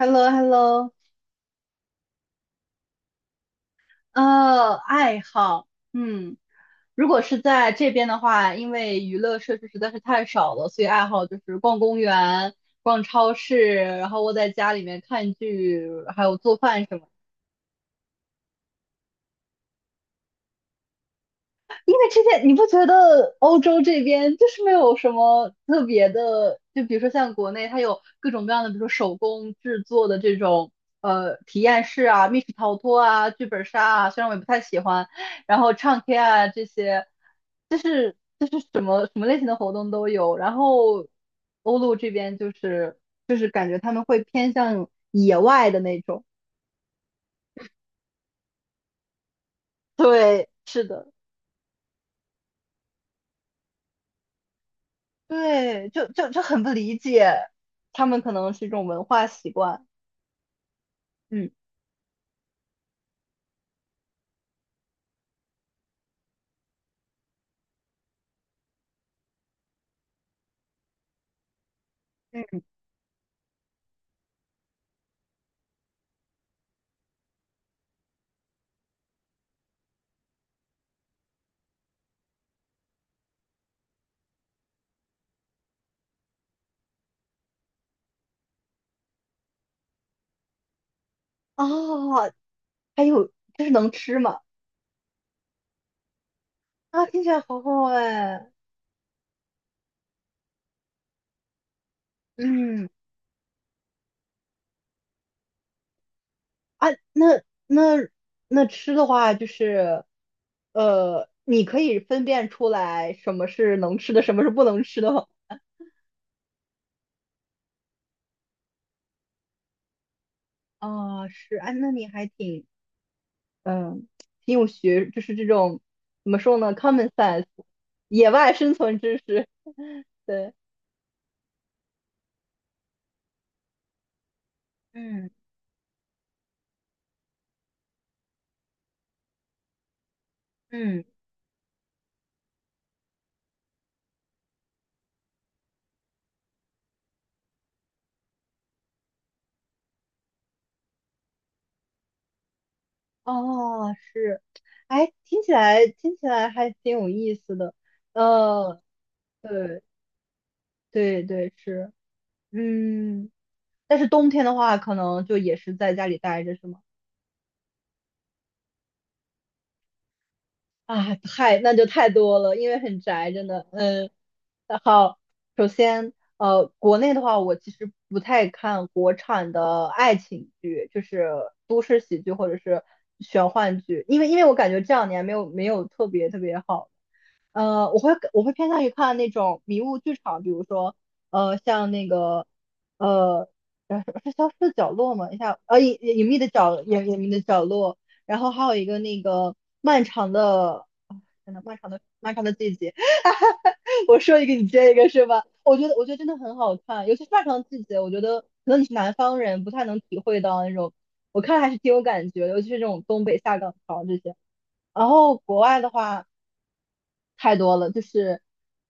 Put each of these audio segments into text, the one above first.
h e l l o h e l l o 爱好，如果是在这边的话，因为娱乐设施实在是太少了，所以爱好就是逛公园、逛超市，然后窝在家里面看剧，还有做饭什么的。因为之前你不觉得欧洲这边就是没有什么特别的，就比如说像国内，它有各种各样的，比如说手工制作的这种体验式啊、密室逃脱啊、剧本杀啊，虽然我也不太喜欢，然后唱 K 啊这些，就是什么什么类型的活动都有。然后欧陆这边就是感觉他们会偏向野外的那种。对，是的。对，就很不理解，他们可能是一种文化习惯。嗯，嗯，哦，还有就是能吃嘛？啊，听起来好好哎。嗯，啊，那那那吃的话，就是你可以分辨出来什么是能吃的，什么是不能吃的吗？哦，是，哎，那你还挺嗯，挺有学，就是这种怎么说呢，common sense，野外生存知识。对，嗯嗯。哦，是，哎，听起来还挺有意思的。呃，对对对，是，嗯，但是冬天的话，可能就也是在家里待着，是吗？啊，那就太多了，因为很宅，真的。嗯，那好。首先，国内的话，我其实不太看国产的爱情剧，就是都市喜剧或者是玄幻剧，因为我感觉这2年没有特别特别好。我会偏向于看那种迷雾剧场，比如说，像那个，呃，呃是消失的角落嘛，一下，隐秘的角落。然后还有一个那个漫长的，真的漫长的季节，我说一个你接一个是吧？我觉得真的很好看，尤其是漫长的季节。我觉得可能你是南方人，不太能体会到那种，我看还是挺有感觉的，尤其是这种东北下岗潮这些。然后国外的话。太多了，就是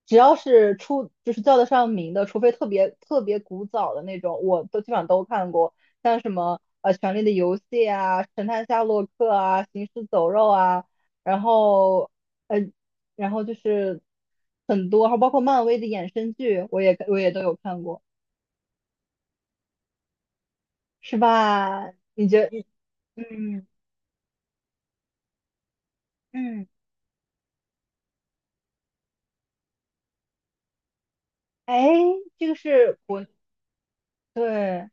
只要是就是叫得上名的，除非特别特别古早的那种，我都基本上都看过。像什么《权力的游戏》啊，《神探夏洛克》啊，《行尸走肉》啊，然后嗯，然后就是很多，还有包括漫威的衍生剧，我也都有看过。是吧？你觉得？嗯嗯，哎，这个是国，对，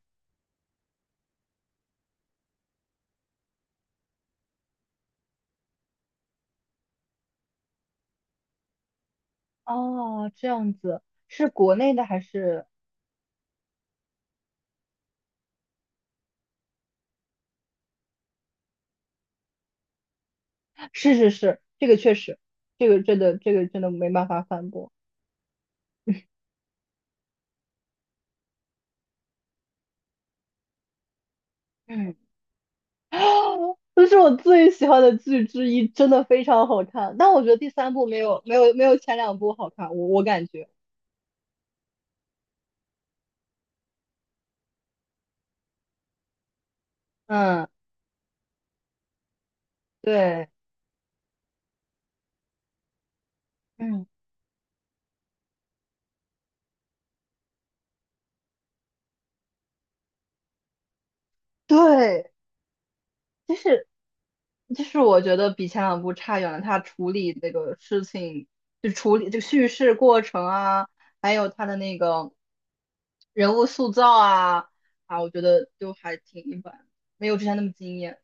哦，这样子，是国内的还是？是是是，这个确实。这个真的没办法反驳。嗯，啊，这是我最喜欢的剧之一，真的非常好看。但我觉得第三部没有前两部好看，我感觉。嗯，对，嗯，对。就是就是我觉得比前两部差远了。他处理这个事情，就处理这个叙事过程啊，还有他的那个人物塑造啊，我觉得就还挺一般，没有之前那么惊艳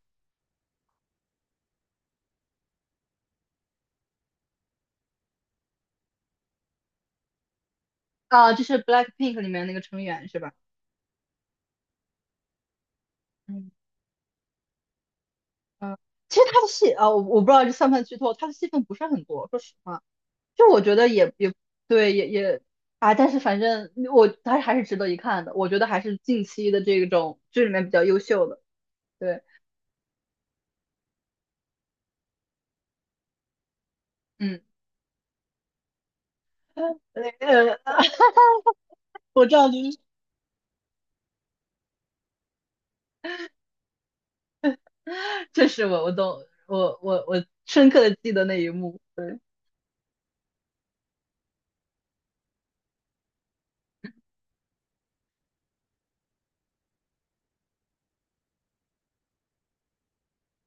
啊。就是 BLACKPINK 里面那个成员是吧？嗯，嗯，其实他的戏啊，我不知道这算不算剧透，他的戏份不是很多，说实话。就我觉得也对，也啊，但是反正我他还是值得一看的，我觉得还是近期的这种剧里面比较优秀的。对。嗯。呃，呃 我知道您，这是我懂，我深刻的记得那一幕。对，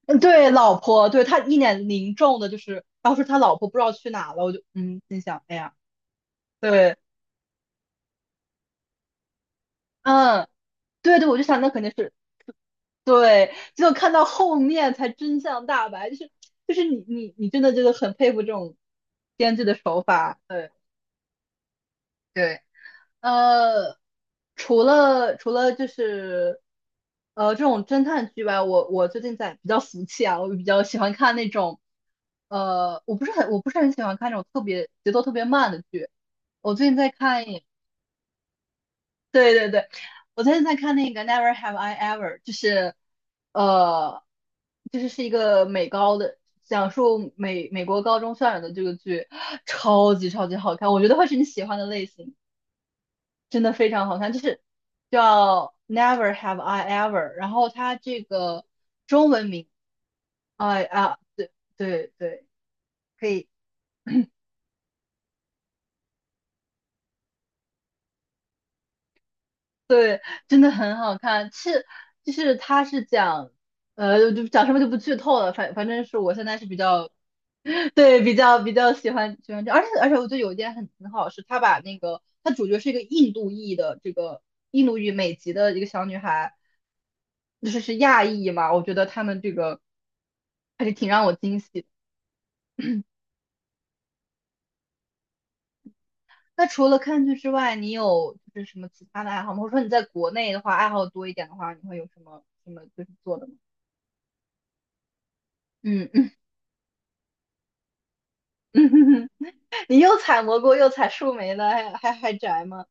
嗯，对，老婆。对他一脸凝重的，就是当时他老婆不知道去哪了，我就心想，哎呀。对，嗯，对对，我就想那肯定是。对，只有看到后面才真相大白，就是你真的就是很佩服这种编剧的手法。对对。呃，除了就是这种侦探剧吧，我最近在比较俗气啊，我比较喜欢看那种我不是很喜欢看那种特别节奏特别慢的剧。我最近在看。对对对，我最近在看那个《Never Have I Ever》，就是呃，就是是一个美高的，讲述美国高中校园的这个剧，超级超级好看，我觉得会是你喜欢的类型，真的非常好看。就是叫《Never Have I Ever》，然后它这个中文名，哎啊，对对对，可以。对，真的很好看。是。就是它是讲，就讲什么就不剧透了。反正是我现在是比较。对，比较喜欢这，而且我觉得有一点很好，是他把那个他主角是一个印度裔的这个印度裔美籍的一个小女孩，就是是亚裔嘛。我觉得他们这个还是挺让我惊喜的。那除了看剧之外，你有就是什么其他的爱好吗？或者说你在国内的话，爱好多一点的话，你会有什么什么就是做的吗？嗯嗯嗯。你又采蘑菇又采树莓的，还宅吗？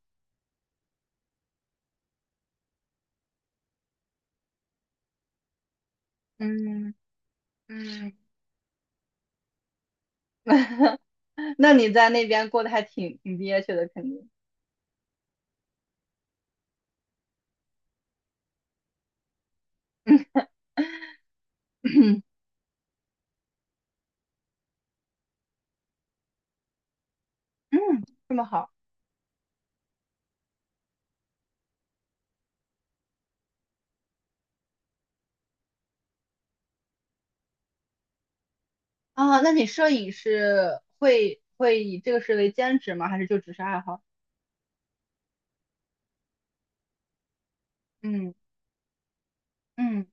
嗯，嗯 那你在那边过得还挺憋屈的，肯定。嗯，这么好啊？那你摄影是会以这个事为兼职吗？还是就只是爱好？嗯嗯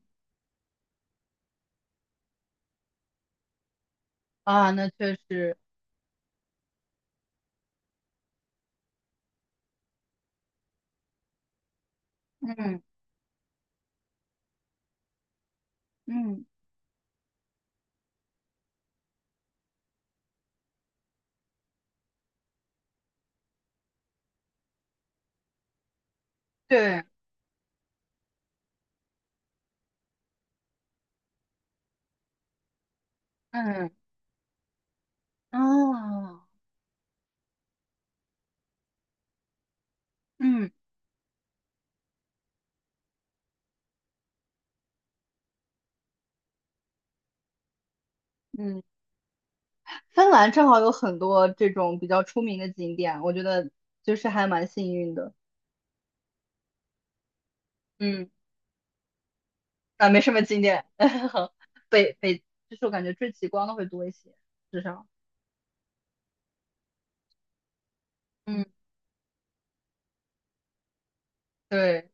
啊，那确实。嗯嗯，对，嗯啊，嗯嗯，芬兰正好有很多这种比较出名的景点，我觉得就是还蛮幸运的。嗯。啊，没什么经验，北北就是我感觉追极光的会多一些，至少。嗯对，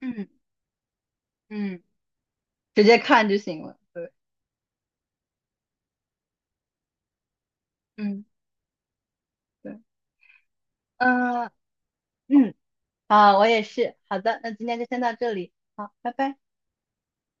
嗯嗯，直接看就行了。对，嗯，对，嗯嗯。好，我也是，好的，那今天就先到这里，好，拜拜。